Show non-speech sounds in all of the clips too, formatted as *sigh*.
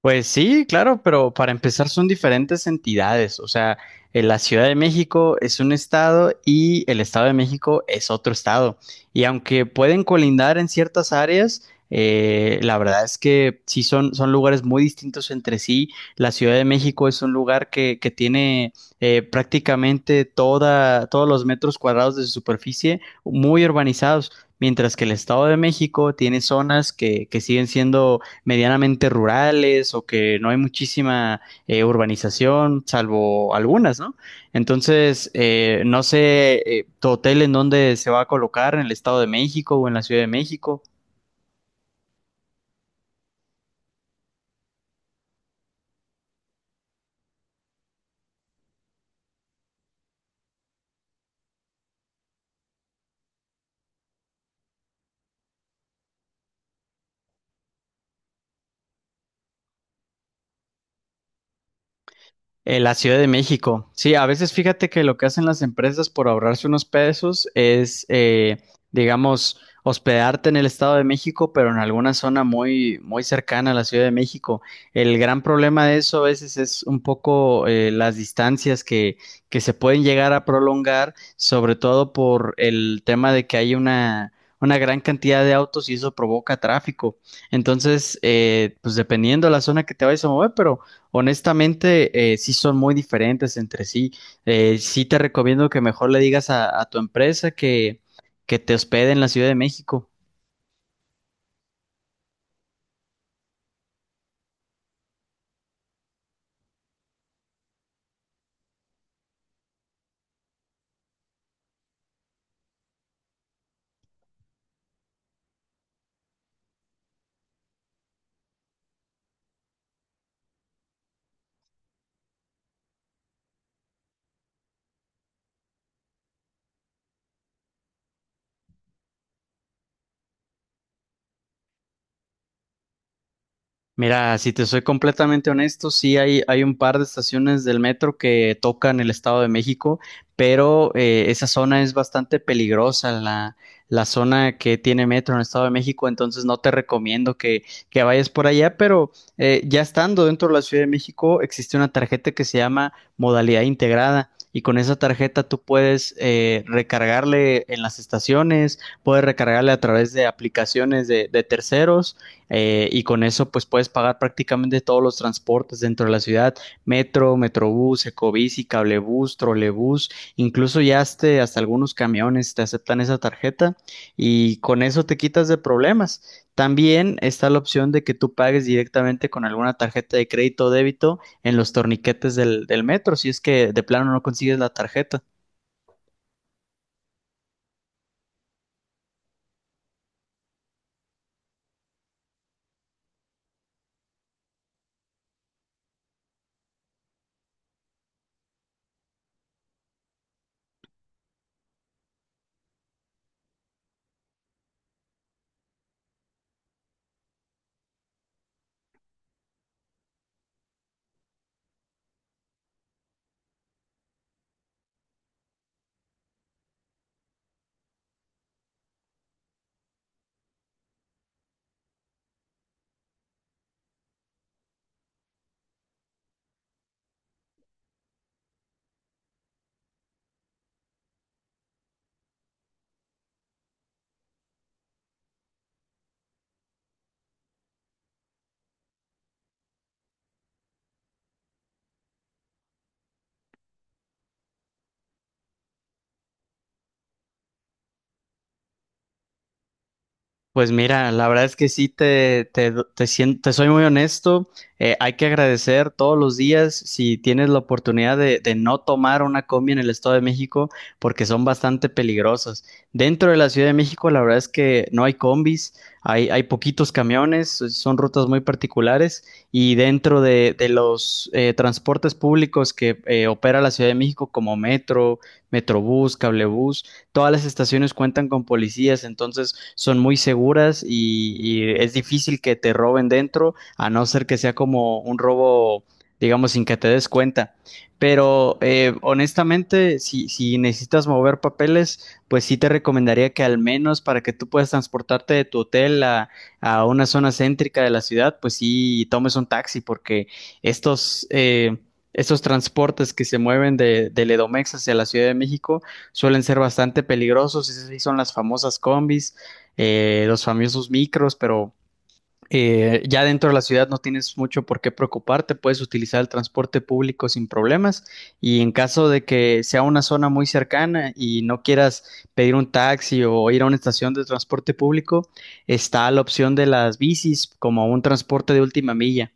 Pues sí, claro, pero para empezar son diferentes entidades. O sea, la Ciudad de México es un estado y el Estado de México es otro estado. Y aunque pueden colindar en ciertas áreas, la verdad es que sí son lugares muy distintos entre sí. La Ciudad de México es un lugar que tiene prácticamente todos los metros cuadrados de su superficie muy urbanizados, mientras que el Estado de México tiene zonas que siguen siendo medianamente rurales o que no hay muchísima urbanización, salvo algunas, ¿no? Entonces, no sé tu hotel en dónde se va a colocar, en el Estado de México o en la Ciudad de México. La Ciudad de México. Sí, a veces fíjate que lo que hacen las empresas por ahorrarse unos pesos es, digamos, hospedarte en el Estado de México, pero en alguna zona muy, muy cercana a la Ciudad de México. El gran problema de eso a veces es un poco las distancias que se pueden llegar a prolongar, sobre todo por el tema de que hay una gran cantidad de autos y eso provoca tráfico. Entonces, pues dependiendo de la zona que te vayas a mover, pero honestamente, sí son muy diferentes entre sí. Sí te recomiendo que mejor le digas a tu empresa que te hospede en la Ciudad de México. Mira, si te soy completamente honesto, sí hay un par de estaciones del metro que tocan el Estado de México, pero esa zona es bastante peligrosa, la zona que tiene metro en el Estado de México, entonces no te recomiendo que vayas por allá, pero ya estando dentro de la Ciudad de México existe una tarjeta que se llama modalidad integrada. Y con esa tarjeta tú puedes recargarle en las estaciones, puedes recargarle a través de aplicaciones de terceros y con eso pues puedes pagar prácticamente todos los transportes dentro de la ciudad, metro, metrobús, ecobici, cablebús, trolebús, incluso ya hasta algunos camiones te aceptan esa tarjeta y con eso te quitas de problemas. También está la opción de que tú pagues directamente con alguna tarjeta de crédito o débito en los torniquetes del metro, si es que de plano no consigues la tarjeta. Pues mira, la verdad es que sí te soy muy honesto. Hay que agradecer todos los días si tienes la oportunidad de no tomar una combi en el Estado de México porque son bastante peligrosas. Dentro de la Ciudad de México, la verdad es que no hay combis, hay poquitos camiones, son rutas muy particulares y dentro de los transportes públicos que opera la Ciudad de México como metro, metrobús, cablebús, todas las estaciones cuentan con policías, entonces son muy seguras y es difícil que te roben dentro, a no ser que sea como un robo, digamos, sin que te des cuenta. Pero honestamente, si necesitas mover papeles, pues sí te recomendaría que al menos para que tú puedas transportarte de tu hotel a una zona céntrica de la ciudad, pues sí tomes un taxi, porque estos, eh, estos transportes que se mueven del Edomex hacia la Ciudad de México suelen ser bastante peligrosos, esas sí son las famosas combis, los famosos micros, pero ya dentro de la ciudad no tienes mucho por qué preocuparte, puedes utilizar el transporte público sin problemas y en caso de que sea una zona muy cercana y no quieras pedir un taxi o ir a una estación de transporte público, está la opción de las bicis como un transporte de última milla.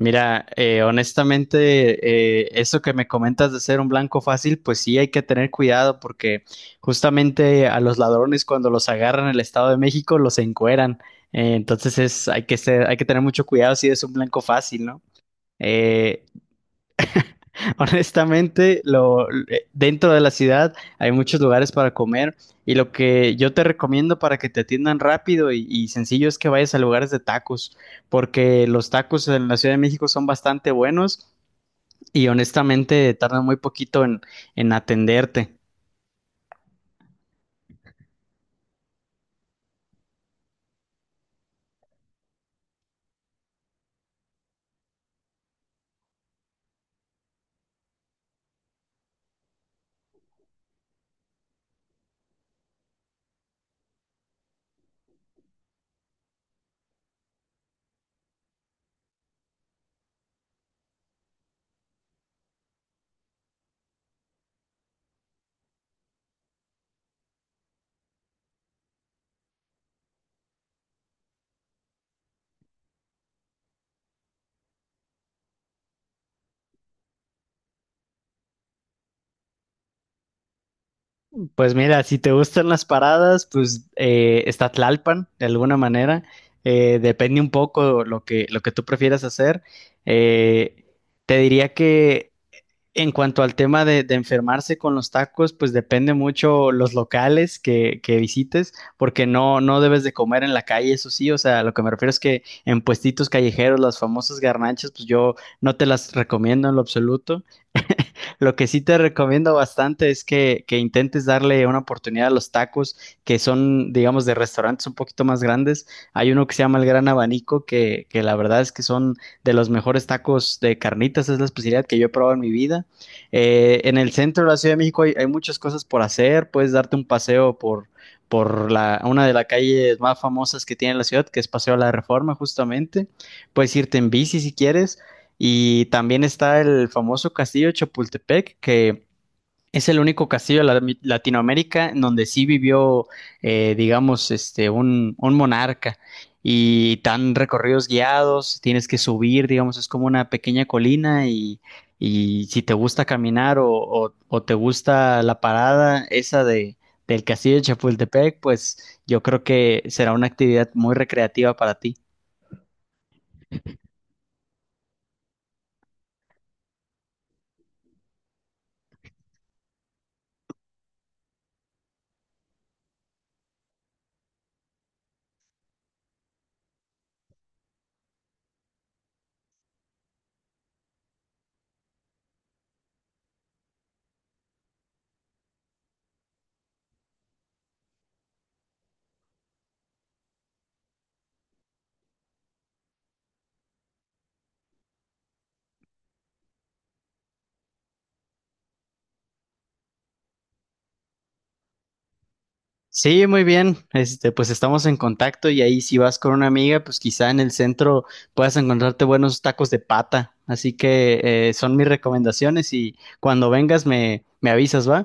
Mira, honestamente, eso que me comentas de ser un blanco fácil, pues sí hay que tener cuidado porque justamente a los ladrones cuando los agarran en el Estado de México los encueran. Entonces es, hay que ser, hay que tener mucho cuidado si es un blanco fácil, ¿no? Eh, *laughs* honestamente, dentro de la ciudad hay muchos lugares para comer y lo que yo te recomiendo para que te atiendan rápido y sencillo es que vayas a lugares de tacos porque los tacos en la Ciudad de México son bastante buenos y honestamente tardan muy poquito en atenderte. Pues mira, si te gustan las paradas, pues está Tlalpan de alguna manera. Depende un poco lo lo que tú prefieras hacer. Eh, te diría que en cuanto al tema de enfermarse con los tacos, pues depende mucho los locales que visites, porque no debes de comer en la calle, eso sí. O sea, lo que me refiero es que en puestitos callejeros, las famosas garnachas, pues yo no te las recomiendo en lo absoluto. Lo que sí te recomiendo bastante es que intentes darle una oportunidad a los tacos que son, digamos, de restaurantes un poquito más grandes. Hay uno que se llama El Gran Abanico, que la verdad es que son de los mejores tacos de carnitas, es la especialidad que yo he probado en mi vida. En el centro de la Ciudad de México hay muchas cosas por hacer, puedes darte un paseo una de las calles más famosas que tiene la ciudad, que es Paseo de la Reforma, justamente. Puedes irte en bici si quieres, y también está el famoso castillo de Chapultepec, que es el único castillo de la- Latinoamérica en donde sí vivió, digamos, este, un monarca. Y tan recorridos guiados, tienes que subir, digamos, es como una pequeña colina y si te gusta caminar o te gusta la parada esa del castillo de Chapultepec, pues yo creo que será una actividad muy recreativa para ti. Sí, muy bien. Este, pues estamos en contacto y ahí si vas con una amiga, pues quizá en el centro puedas encontrarte buenos tacos de pata. Así que son mis recomendaciones y cuando vengas me avisas, ¿va?